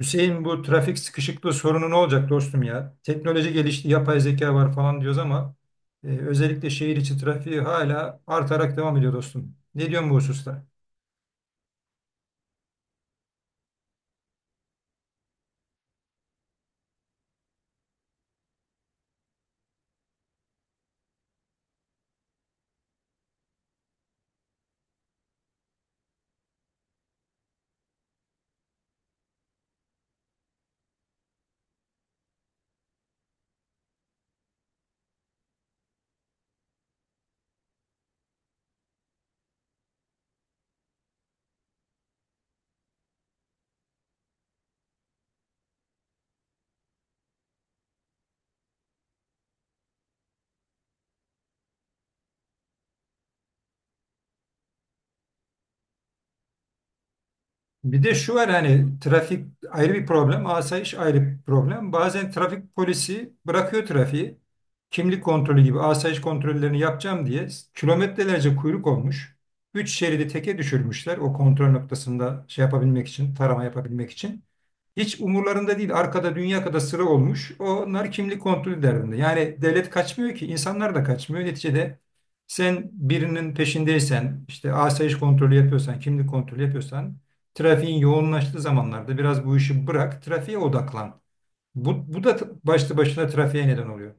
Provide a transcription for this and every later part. Hüseyin bu trafik sıkışıklığı sorunu ne olacak dostum ya? Teknoloji gelişti, yapay zeka var falan diyoruz ama özellikle şehir içi trafiği hala artarak devam ediyor dostum. Ne diyorsun bu hususta? Bir de şu var hani trafik ayrı bir problem, asayiş ayrı bir problem. Bazen trafik polisi bırakıyor trafiği. Kimlik kontrolü gibi asayiş kontrollerini yapacağım diye kilometrelerce kuyruk olmuş. Üç şeridi teke düşürmüşler o kontrol noktasında şey yapabilmek için, tarama yapabilmek için. Hiç umurlarında değil. Arkada dünya kadar sıra olmuş. Onlar kimlik kontrolü derdinde. Yani devlet kaçmıyor ki, insanlar da kaçmıyor. Neticede sen birinin peşindeysen, işte asayiş kontrolü yapıyorsan, kimlik kontrolü yapıyorsan trafiğin yoğunlaştığı zamanlarda biraz bu işi bırak, trafiğe odaklan. Bu da başlı başına trafiğe neden oluyor.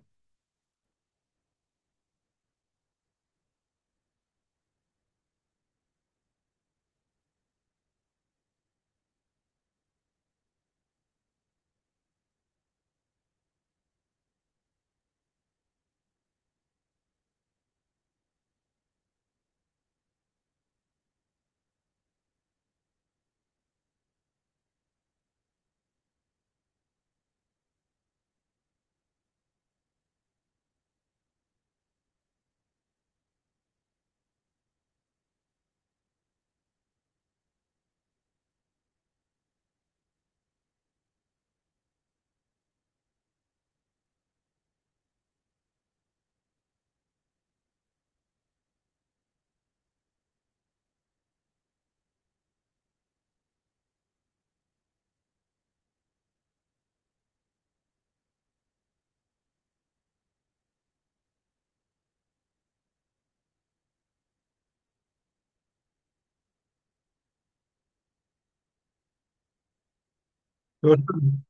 Dostum,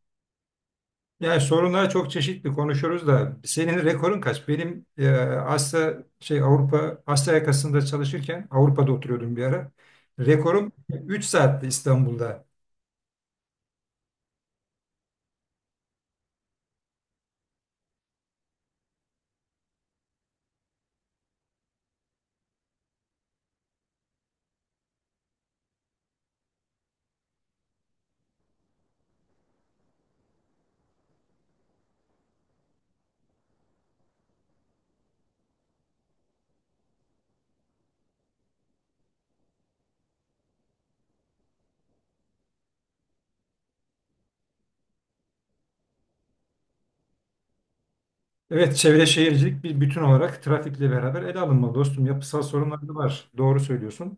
yani sorunlar çok çeşitli konuşuyoruz da senin rekorun kaç? Benim Asya şey Avrupa Asya yakasında çalışırken Avrupa'da oturuyordum bir ara. Rekorum 3 saatti İstanbul'da. Evet, çevre şehircilik bir bütün olarak trafikle beraber ele alınmalı dostum. Yapısal sorunlar da var. Doğru söylüyorsun.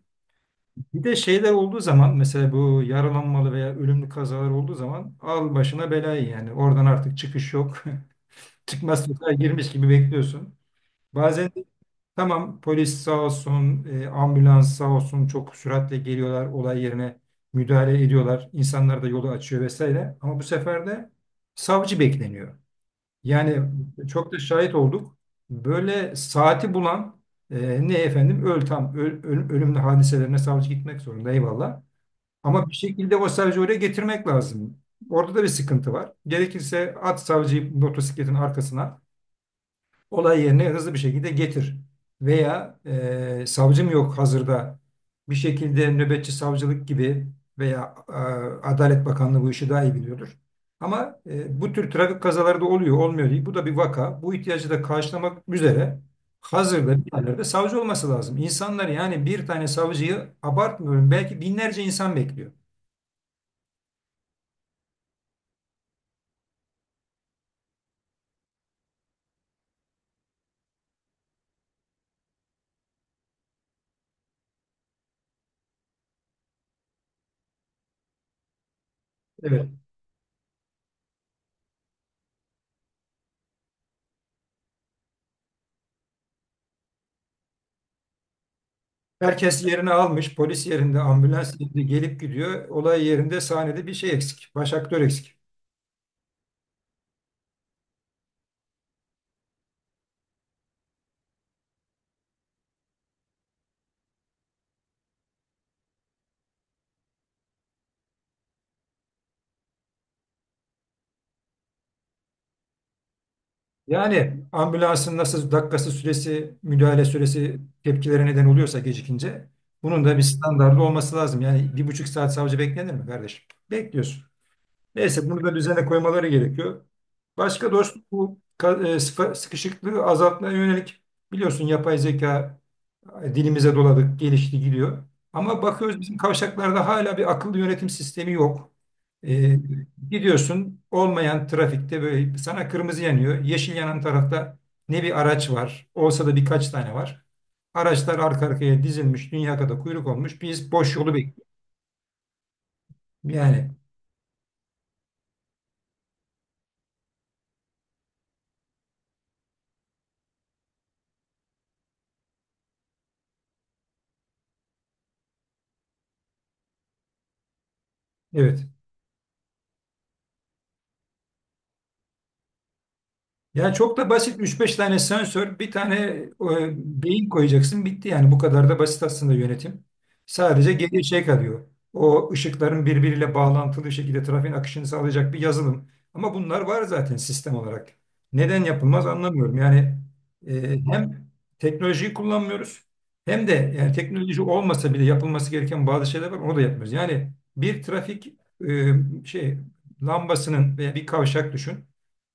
Bir de şeyler olduğu zaman mesela bu yaralanmalı veya ölümlü kazalar olduğu zaman al başına belayı yani. Oradan artık çıkış yok. Çıkmaz sokağa girmiş gibi bekliyorsun. Bazen de tamam, polis sağ olsun, ambulans sağ olsun çok süratle geliyorlar olay yerine müdahale ediyorlar. İnsanlar da yolu açıyor vesaire. Ama bu sefer de savcı bekleniyor. Yani çok da şahit olduk. Böyle saati bulan ne efendim öl tam öl- öl- ölümlü hadiselerine savcı gitmek zorunda, eyvallah. Ama bir şekilde o savcıyı oraya getirmek lazım. Orada da bir sıkıntı var. Gerekirse at savcıyı motosikletin arkasına, olay yerine hızlı bir şekilde getir. Veya savcım yok hazırda, bir şekilde nöbetçi savcılık gibi, veya Adalet Bakanlığı bu işi daha iyi biliyordur. Ama bu tür trafik kazaları da oluyor, olmuyor değil. Bu da bir vaka. Bu ihtiyacı da karşılamak üzere hazırda bir yerlerde savcı olması lazım. İnsanlar, yani bir tane savcıyı abartmıyorum, belki binlerce insan bekliyor. Evet. Herkes yerini almış. Polis yerinde, ambulans yerinde gelip gidiyor. Olay yerinde, sahnede bir şey eksik. Baş aktör eksik. Yani ambulansın nasıl dakikası, süresi, müdahale süresi tepkilere neden oluyorsa gecikince, bunun da bir standardı olması lazım. Yani 1,5 saat savcı beklenir mi kardeşim? Bekliyorsun. Neyse, bunu da düzene koymaları gerekiyor. Başka dostum, bu sıkışıklığı azaltmaya yönelik, biliyorsun yapay zeka dilimize doladık, gelişti, gidiyor. Ama bakıyoruz, bizim kavşaklarda hala bir akıllı yönetim sistemi yok. Ee, gidiyorsun olmayan trafikte, böyle sana kırmızı yanıyor. Yeşil yanan tarafta ne bir araç var, olsa da birkaç tane var. Araçlar arka arkaya dizilmiş, dünya kadar kuyruk olmuş. Biz boş yolu bekliyoruz. Yani, evet. Ya çok da basit, üç beş tane sensör, bir tane beyin koyacaksın, bitti yani, bu kadar da basit aslında yönetim. Sadece geriye şey kalıyor. O ışıkların birbiriyle bağlantılı şekilde trafiğin akışını sağlayacak bir yazılım. Ama bunlar var zaten sistem olarak. Neden yapılmaz anlamıyorum. Yani hem teknolojiyi kullanmıyoruz, hem de yani teknoloji olmasa bile yapılması gereken bazı şeyler var, onu da yapmıyoruz. Yani bir trafik e, şey lambasının veya bir kavşak düşün.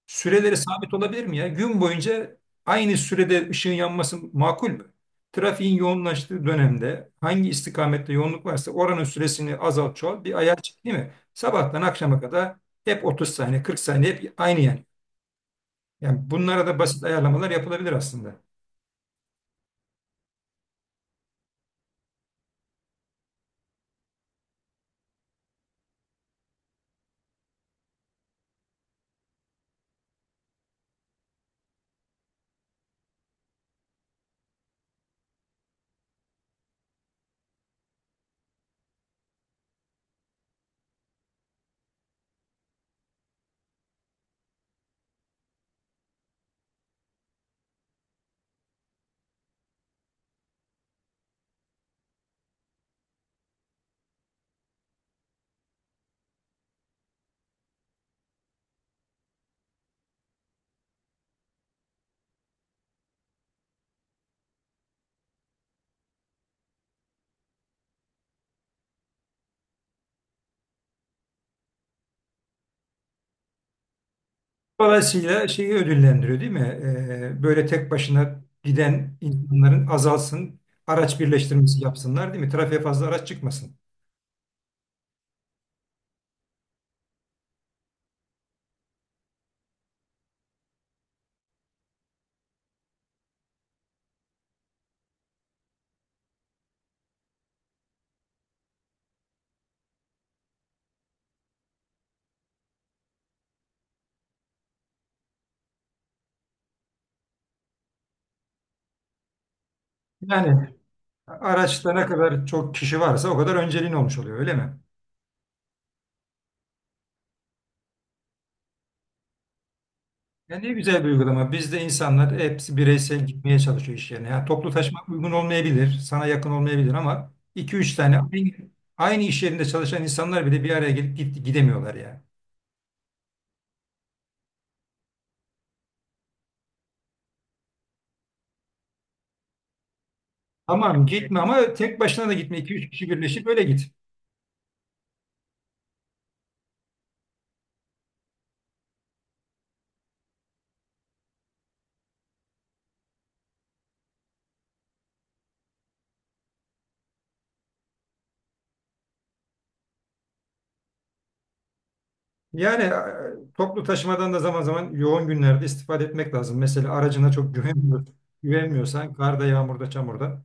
Süreleri sabit olabilir mi ya? Gün boyunca aynı sürede ışığın yanması makul mü? Trafiğin yoğunlaştığı dönemde hangi istikamette yoğunluk varsa oranın süresini azalt çoğalt, bir ayar çek değil mi? Sabahtan akşama kadar hep 30 saniye, 40 saniye, hep aynı yani. Yani bunlara da basit ayarlamalar yapılabilir aslında. Dolayısıyla şeyi ödüllendiriyor değil mi? Böyle tek başına giden insanların azalsın, araç birleştirmesi yapsınlar değil mi? Trafiğe fazla araç çıkmasın. Yani araçta ne kadar çok kişi varsa o kadar önceliğin olmuş oluyor öyle mi? Ya ne güzel bir uygulama. Bizde insanlar hepsi bireysel gitmeye çalışıyor iş yerine. Yani toplu taşıma uygun olmayabilir, sana yakın olmayabilir ama iki üç tane aynı, aynı iş yerinde çalışan insanlar bile bir araya gelip gidemiyorlar yani. Tamam gitme ama tek başına da gitme. 2 üç kişi birleşip öyle git. Yani toplu taşımadan da zaman zaman yoğun günlerde istifade etmek lazım. Mesela aracına çok güvenmiyorsan karda, yağmurda, çamurda.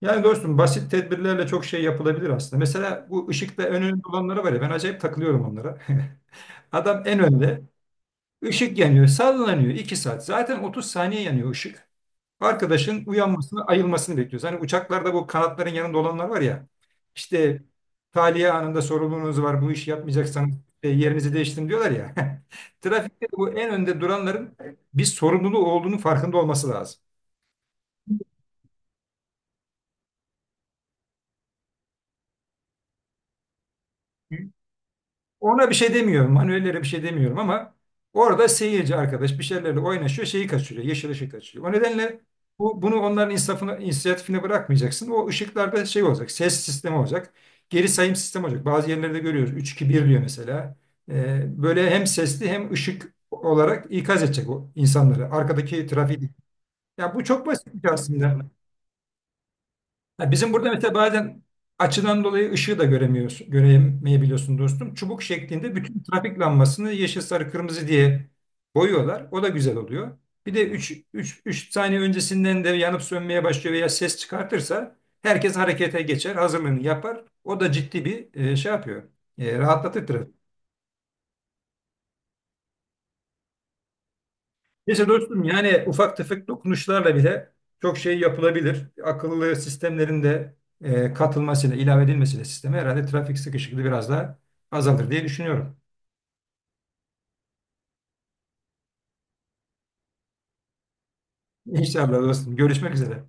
Yani dostum, basit tedbirlerle çok şey yapılabilir aslında. Mesela bu ışıkta en önde olanlara var ya, ben acayip takılıyorum onlara. Adam en önde, ışık yanıyor, sallanıyor 2 saat, zaten 30 saniye yanıyor ışık. Arkadaşın uyanmasını, ayılmasını bekliyoruz. Hani uçaklarda bu kanatların yanında olanlar var ya, İşte tahliye anında sorumluluğunuz var, bu işi yapmayacaksanız yerinizi değiştirin diyorlar ya. Trafikte bu en önde duranların bir sorumluluğu olduğunu farkında olması lazım. Ona bir şey demiyorum. Manuellere bir şey demiyorum ama orada seyirci arkadaş bir şeylerle oynaşıyor, şeyi kaçırıyor, yeşil ışığı kaçırıyor. O nedenle bunu onların insafına, inisiyatifine bırakmayacaksın. O ışıklarda şey olacak, ses sistemi olacak, geri sayım sistemi olacak. Bazı yerlerde görüyoruz, üç 2 bir diyor mesela. Böyle hem sesli hem ışık olarak ikaz edecek o insanları, arkadaki trafiği. Ya bu çok basit aslında. Ha, bizim burada mesela bazen açıdan dolayı ışığı da göremeyebiliyorsun dostum. Çubuk şeklinde bütün trafik lambasını yeşil, sarı, kırmızı diye boyuyorlar. O da güzel oluyor. Bir de 3 3 3 saniye öncesinden de yanıp sönmeye başlıyor veya ses çıkartırsa herkes harekete geçer, hazırlığını yapar. O da ciddi bir şey yapıyor. Rahatlatır. Neyse dostum, yani ufak tefek dokunuşlarla bile çok şey yapılabilir. Akıllı sistemlerin de katılmasıyla, ilave edilmesiyle sisteme herhalde trafik sıkışıklığı biraz daha azalır diye düşünüyorum. İnşallah dostum. Görüşmek üzere.